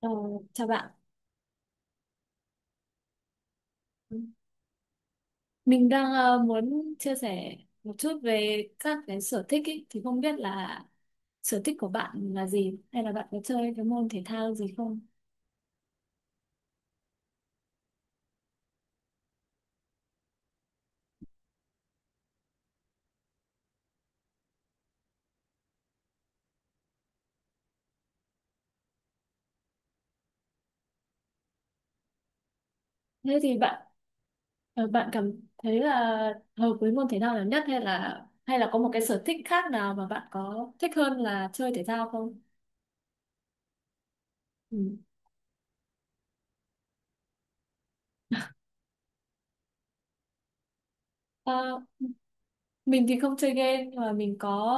Ờ, chào bạn. Mình đang muốn chia sẻ một chút về các cái sở thích ý. Thì không biết là sở thích của bạn là gì hay là bạn có chơi cái môn thể thao gì không? Thế thì bạn, bạn cảm thấy là hợp với môn thể thao nào nhất hay là có một cái sở thích khác nào mà bạn có thích hơn là chơi thể thao không? Ừ. À, mình thì không chơi game nhưng mà mình có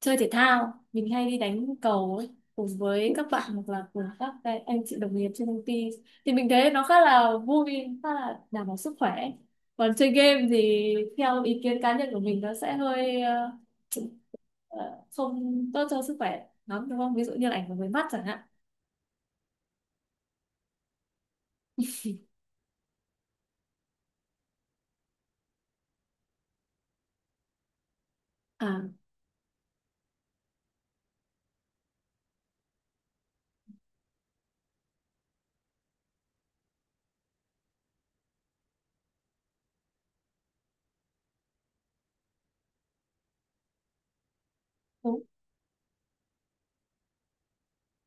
chơi thể thao. Mình hay đi đánh cầu ấy, cùng với các bạn hoặc là cùng các cái anh chị đồng nghiệp trên công ty. Thì mình thấy nó khá là vui, khá là đảm bảo sức khỏe. Còn chơi game thì theo ý kiến cá nhân của mình nó sẽ hơi, ờ, không tốt cho sức khỏe lắm đúng không? Ví dụ như là ảnh hưởng với mắt chẳng hạn. À,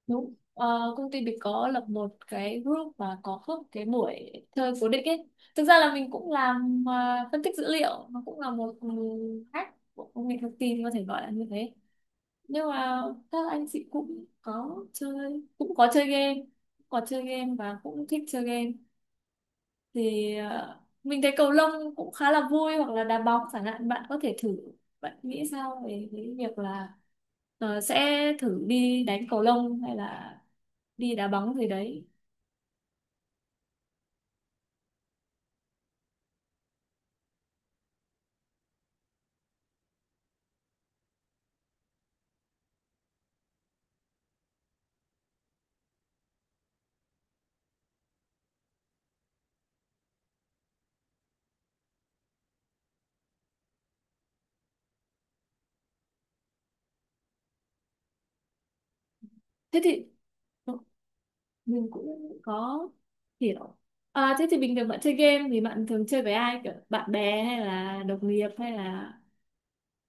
đúng. Ờ, Công ty mình có lập một cái group và có host cái buổi chơi cố định ấy. Thực ra là mình cũng làm, phân tích dữ liệu, nó cũng là một, hack của công nghệ thông tin có thể gọi là như thế. Nhưng mà các anh chị cũng có chơi game và cũng thích chơi game thì, mình thấy cầu lông cũng khá là vui hoặc là đá bóng chẳng hạn, bạn có thể thử. Bạn nghĩ sao về cái việc là, sẽ thử đi đánh cầu lông hay là đi đá bóng gì đấy? Thế thì, ừ, mình cũng có hiểu. À, thế thì bình thường bạn chơi game thì bạn thường chơi với ai, kiểu bạn bè hay là đồng nghiệp, hay là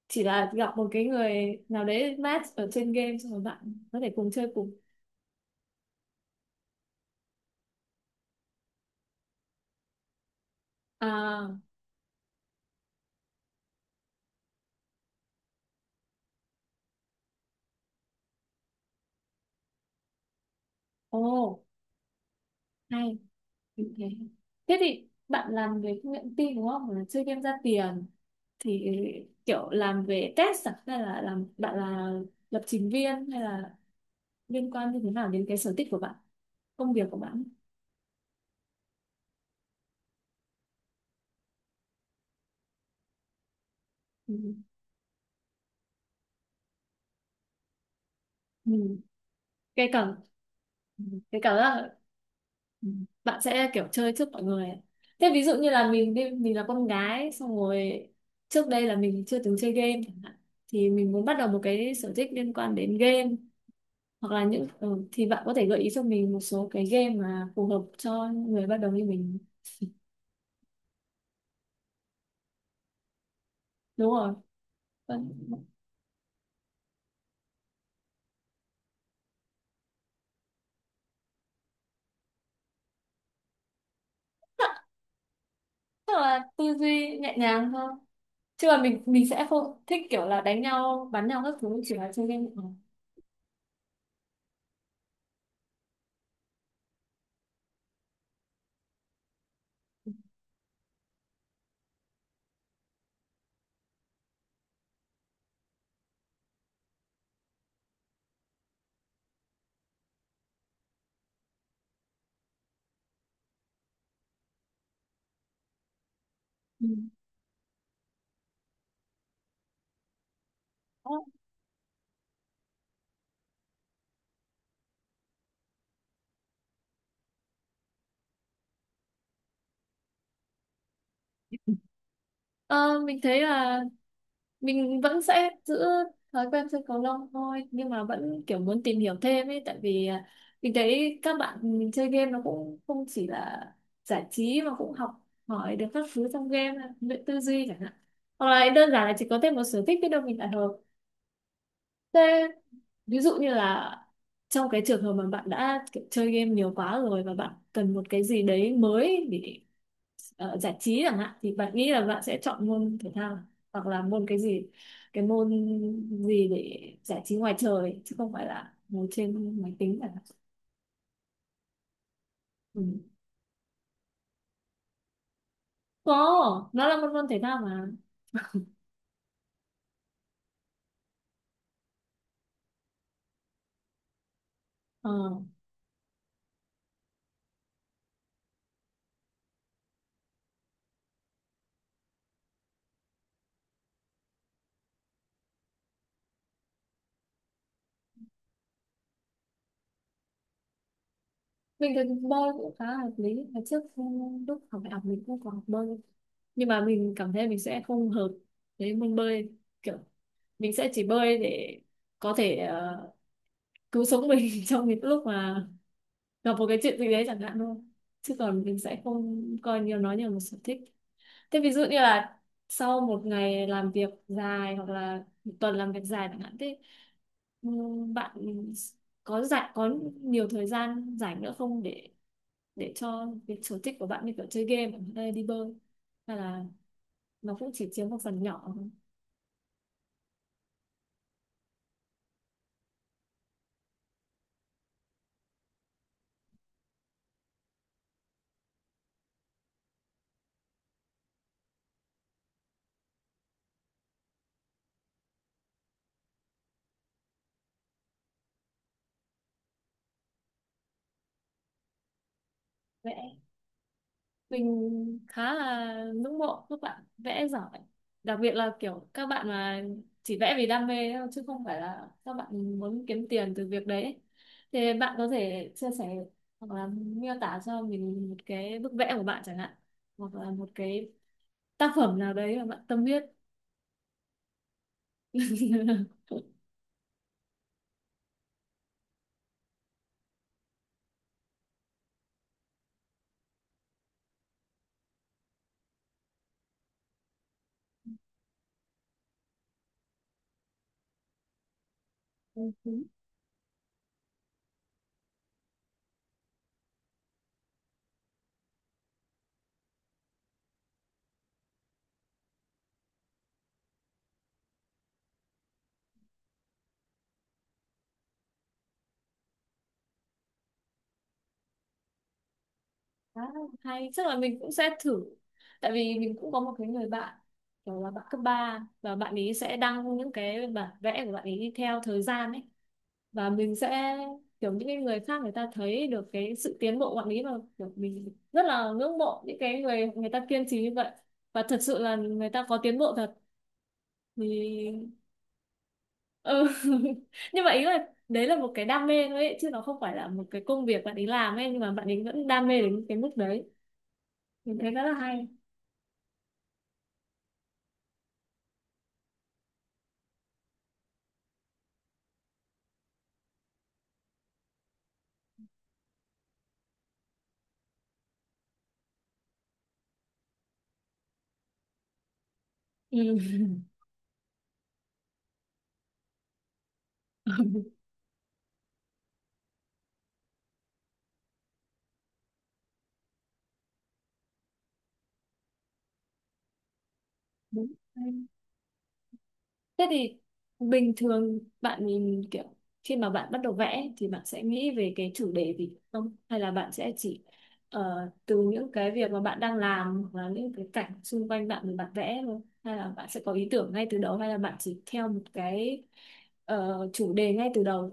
chỉ là gặp một cái người nào đấy match ở trên game xong rồi bạn có thể cùng chơi cùng? À, ồ, oh, ok. Thế thì bạn làm về công nghệ thông tin đúng không? Là chơi game ra tiền thì kiểu làm về test à? Hay là làm, bạn là lập trình viên hay là liên quan như thế nào đến cái sở thích của bạn, công việc của bạn? Ừ. Ừ. Gây cẩn cái cảm giác là, ừ, bạn sẽ kiểu chơi trước mọi người. Thế ví dụ như là mình đi, mình là con gái xong rồi trước đây là mình chưa từng chơi game chẳng hạn, thì mình muốn bắt đầu một cái sở thích liên quan đến game hoặc là những, thì bạn có thể gợi ý cho mình một số cái game mà phù hợp cho người bắt đầu như mình. Đúng rồi. Vâng. Chắc là tư duy nhẹ nhàng thôi chứ là mình sẽ không thích kiểu là đánh nhau bắn nhau các thứ, chỉ là chơi game. Ừ. Ờ, mình thấy là mình vẫn sẽ giữ thói quen chơi cầu lông thôi nhưng mà vẫn kiểu muốn tìm hiểu thêm ấy, tại vì, mình thấy các bạn mình chơi game nó cũng không chỉ là giải trí mà cũng học hỏi được các thứ trong game, luyện tư duy chẳng hạn, hoặc là đơn giản là chỉ có thêm một sở thích biết đâu mình lại hợp. Thế ví dụ như là trong cái trường hợp mà bạn đã kiểu chơi game nhiều quá rồi và bạn cần một cái gì đấy mới để, giải trí chẳng hạn, thì bạn nghĩ là bạn sẽ chọn môn thể thao hoặc là môn cái gì, cái môn gì để giải trí ngoài trời chứ không phải là ngồi trên máy tính chẳng hạn. Ừ. Có, nó là một môn thể thao mà. Ờ. Mình thấy bơi cũng khá là hợp lý. Hồi trước, lúc học đại học mình cũng có học bơi nhưng mà mình cảm thấy mình sẽ không hợp với môn bơi, kiểu mình sẽ chỉ bơi để có thể, cứu sống mình trong những lúc mà gặp một cái chuyện gì đấy chẳng hạn thôi, chứ còn mình sẽ không coi nhiều nó như là một sở thích. Thế ví dụ như là sau một ngày làm việc dài hoặc là một tuần làm việc dài chẳng hạn, thế bạn có rảnh, có nhiều thời gian rảnh nữa không để cho việc sở thích của bạn như kiểu chơi game hay đi bơi, hay là nó cũng chỉ chiếm một phần nhỏ thôi? Vẽ. Mình khá là ngưỡng mộ các bạn vẽ giỏi, đặc biệt là kiểu các bạn mà chỉ vẽ vì đam mê thôi, chứ không phải là các bạn muốn kiếm tiền từ việc đấy. Thì bạn có thể chia sẻ hoặc là miêu tả cho mình một cái bức vẽ của bạn chẳng hạn, hoặc là một cái tác phẩm nào đấy mà bạn tâm huyết. Ừ. À, hay chắc là mình cũng sẽ thử. Tại vì mình cũng có một cái người bạn kiểu là bạn cấp ba, và bạn ấy sẽ đăng những cái bản vẽ của bạn ấy theo thời gian ấy, và mình sẽ kiểu, những cái người khác người ta thấy được cái sự tiến bộ của bạn ấy, và kiểu mình rất là ngưỡng mộ những cái người người ta kiên trì như vậy, và thật sự là người ta có tiến bộ thật. Thì ừ. Nhưng mà ý là đấy là một cái đam mê thôi ấy, chứ nó không phải là một cái công việc bạn ấy làm ấy, nhưng mà bạn ấy vẫn đam mê đến cái mức đấy. Mình thấy rất là hay. Ừ. Đúng. Thế thì bình thường bạn nhìn kiểu khi mà bạn bắt đầu vẽ thì bạn sẽ nghĩ về cái chủ đề gì không? Hay là bạn sẽ chỉ, từ những cái việc mà bạn đang làm hoặc là những cái cảnh xung quanh bạn mà bạn vẽ thôi? Hay là bạn sẽ có ý tưởng ngay từ đầu, hay là bạn chỉ theo một cái, chủ đề ngay từ đầu?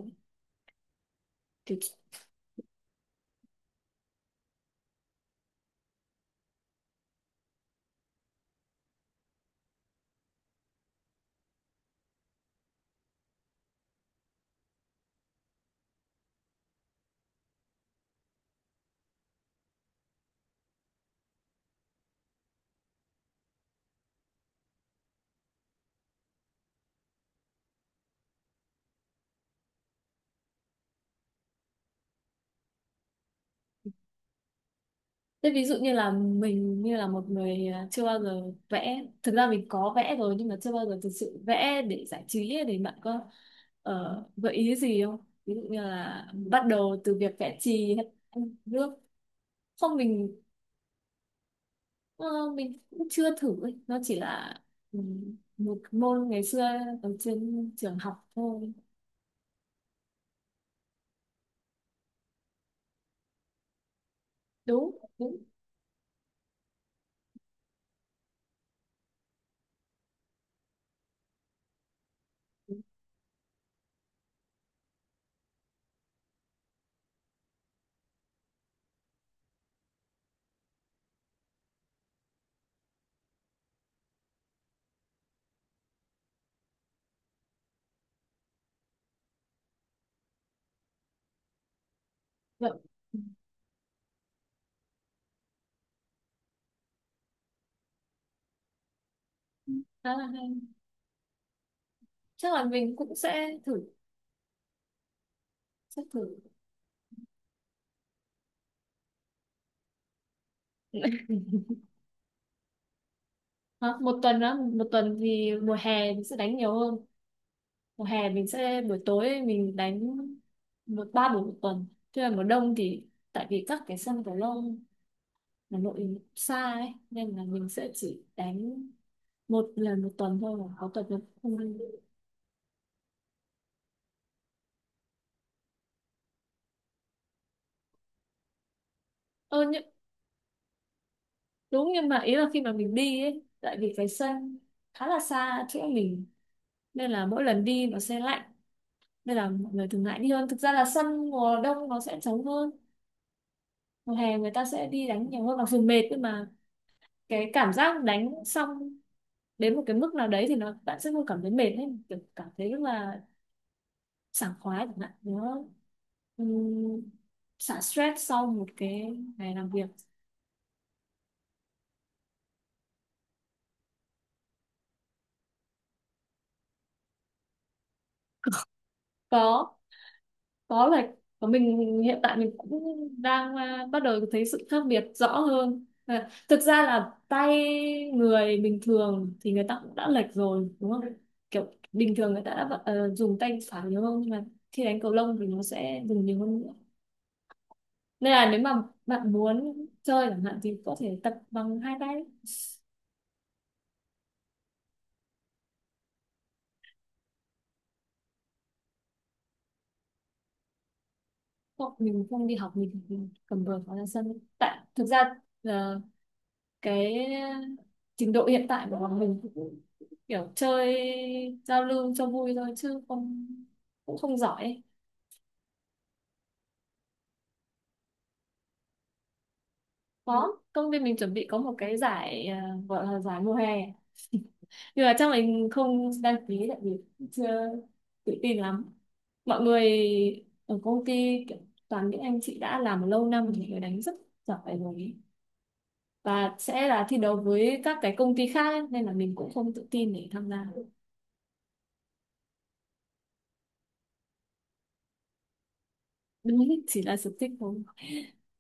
Thế ví dụ như là mình như là một người, chưa bao giờ vẽ, thực ra mình có vẽ rồi nhưng mà chưa bao giờ thực sự vẽ để giải trí ấy, thì bạn có, gợi ý gì không? Ví dụ như là bắt đầu từ việc vẽ chì hay ăn nước. Không, ờ, mình cũng chưa thử ấy. Nó chỉ là, ừ, một môn ngày xưa ở trên trường học thôi. Đúng, đúng. Đúng. Vậy khá là hay. Chắc là mình cũng sẽ thử, sẽ thử. để Hả? Một tuần á, một tuần thì mùa hè mình sẽ đánh nhiều hơn. Mùa hè mình sẽ buổi tối mình đánh ba buổi một tuần. Thế là mùa đông thì tại vì các cái sân cầu lông Hà Nội xa ấy, nên là mình sẽ chỉ đánh một lần một tuần thôi, mà có tuần mình không đi. Ờ, nhưng, đúng, nhưng mà ý là khi mà mình đi ấy, tại vì cái sân khá là xa chỗ mình, nên là mỗi lần đi nó sẽ lạnh, nên là mọi người thường ngại đi hơn. Thực ra là sân mùa đông nó sẽ trống hơn, mùa hè người ta sẽ đi đánh nhiều hơn mặc dù mệt, nhưng mà cái cảm giác đánh xong đến một cái mức nào đấy thì nó, bạn sẽ không cảm thấy mệt ấy, kiểu cảm thấy rất là sảng khoái chẳng hạn, nó ừm, xả stress sau một cái ngày làm việc. Có. Có, là của mình hiện tại mình cũng đang, bắt đầu thấy sự khác biệt rõ hơn. Thực ra là tay người bình thường thì người ta cũng đã lệch rồi đúng không, kiểu bình thường người ta đã, dùng tay phải nhiều hơn, nhưng mà khi đánh cầu lông thì nó sẽ dùng nhiều hơn nữa, nên là nếu mà bạn muốn chơi chẳng hạn thì có thể tập bằng hai tay. Không, mình không đi học, mình chỉ cầm vợt vào ra sân. Tại thực ra, ờ, cái trình độ hiện tại của bọn mình cũng kiểu chơi giao lưu cho vui thôi chứ không, cũng không giỏi ấy. Có, công ty mình chuẩn bị có một cái giải, gọi là giải mùa hè, nhưng mà chắc mình không đăng ký, tại vì chưa tự tin lắm. Mọi người ở công ty kiểu toàn những anh chị đã làm lâu năm thì người đánh rất giỏi rồi ấy. Và sẽ là thi đấu với các cái công ty khác ấy, nên là mình cũng không tự tin để tham gia. Đúng, chỉ là sở thích thôi,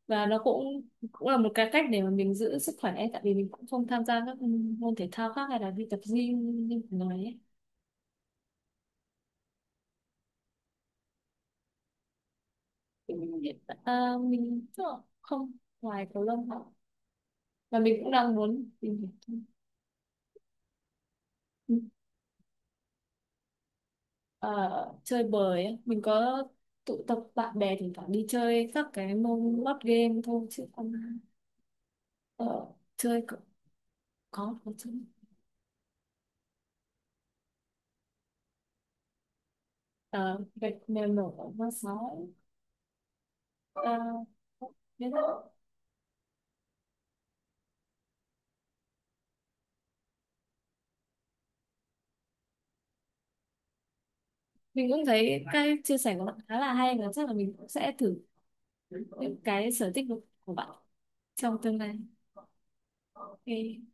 và nó cũng cũng là một cái cách để mà mình giữ sức khỏe, tại vì mình cũng không tham gia các, môn thể thao khác hay là đi tập gym như mình nói ấy. Thì mình mình chắc là không, ngoài cầu lông thôi, và mình cũng đang muốn tìm hiểu, ờ, chơi bời ấy. Mình có tụ tập bạn bè thỉnh thoảng đi chơi các cái môn board game thôi chứ không, ờ, chơi có. Có chơi. Gạch mèo nổ con sói. uh, mình cũng thấy cái chia sẻ của bạn khá là hay, và chắc là mình cũng sẽ thử những cái sở thích của bạn trong tương lai. Ok.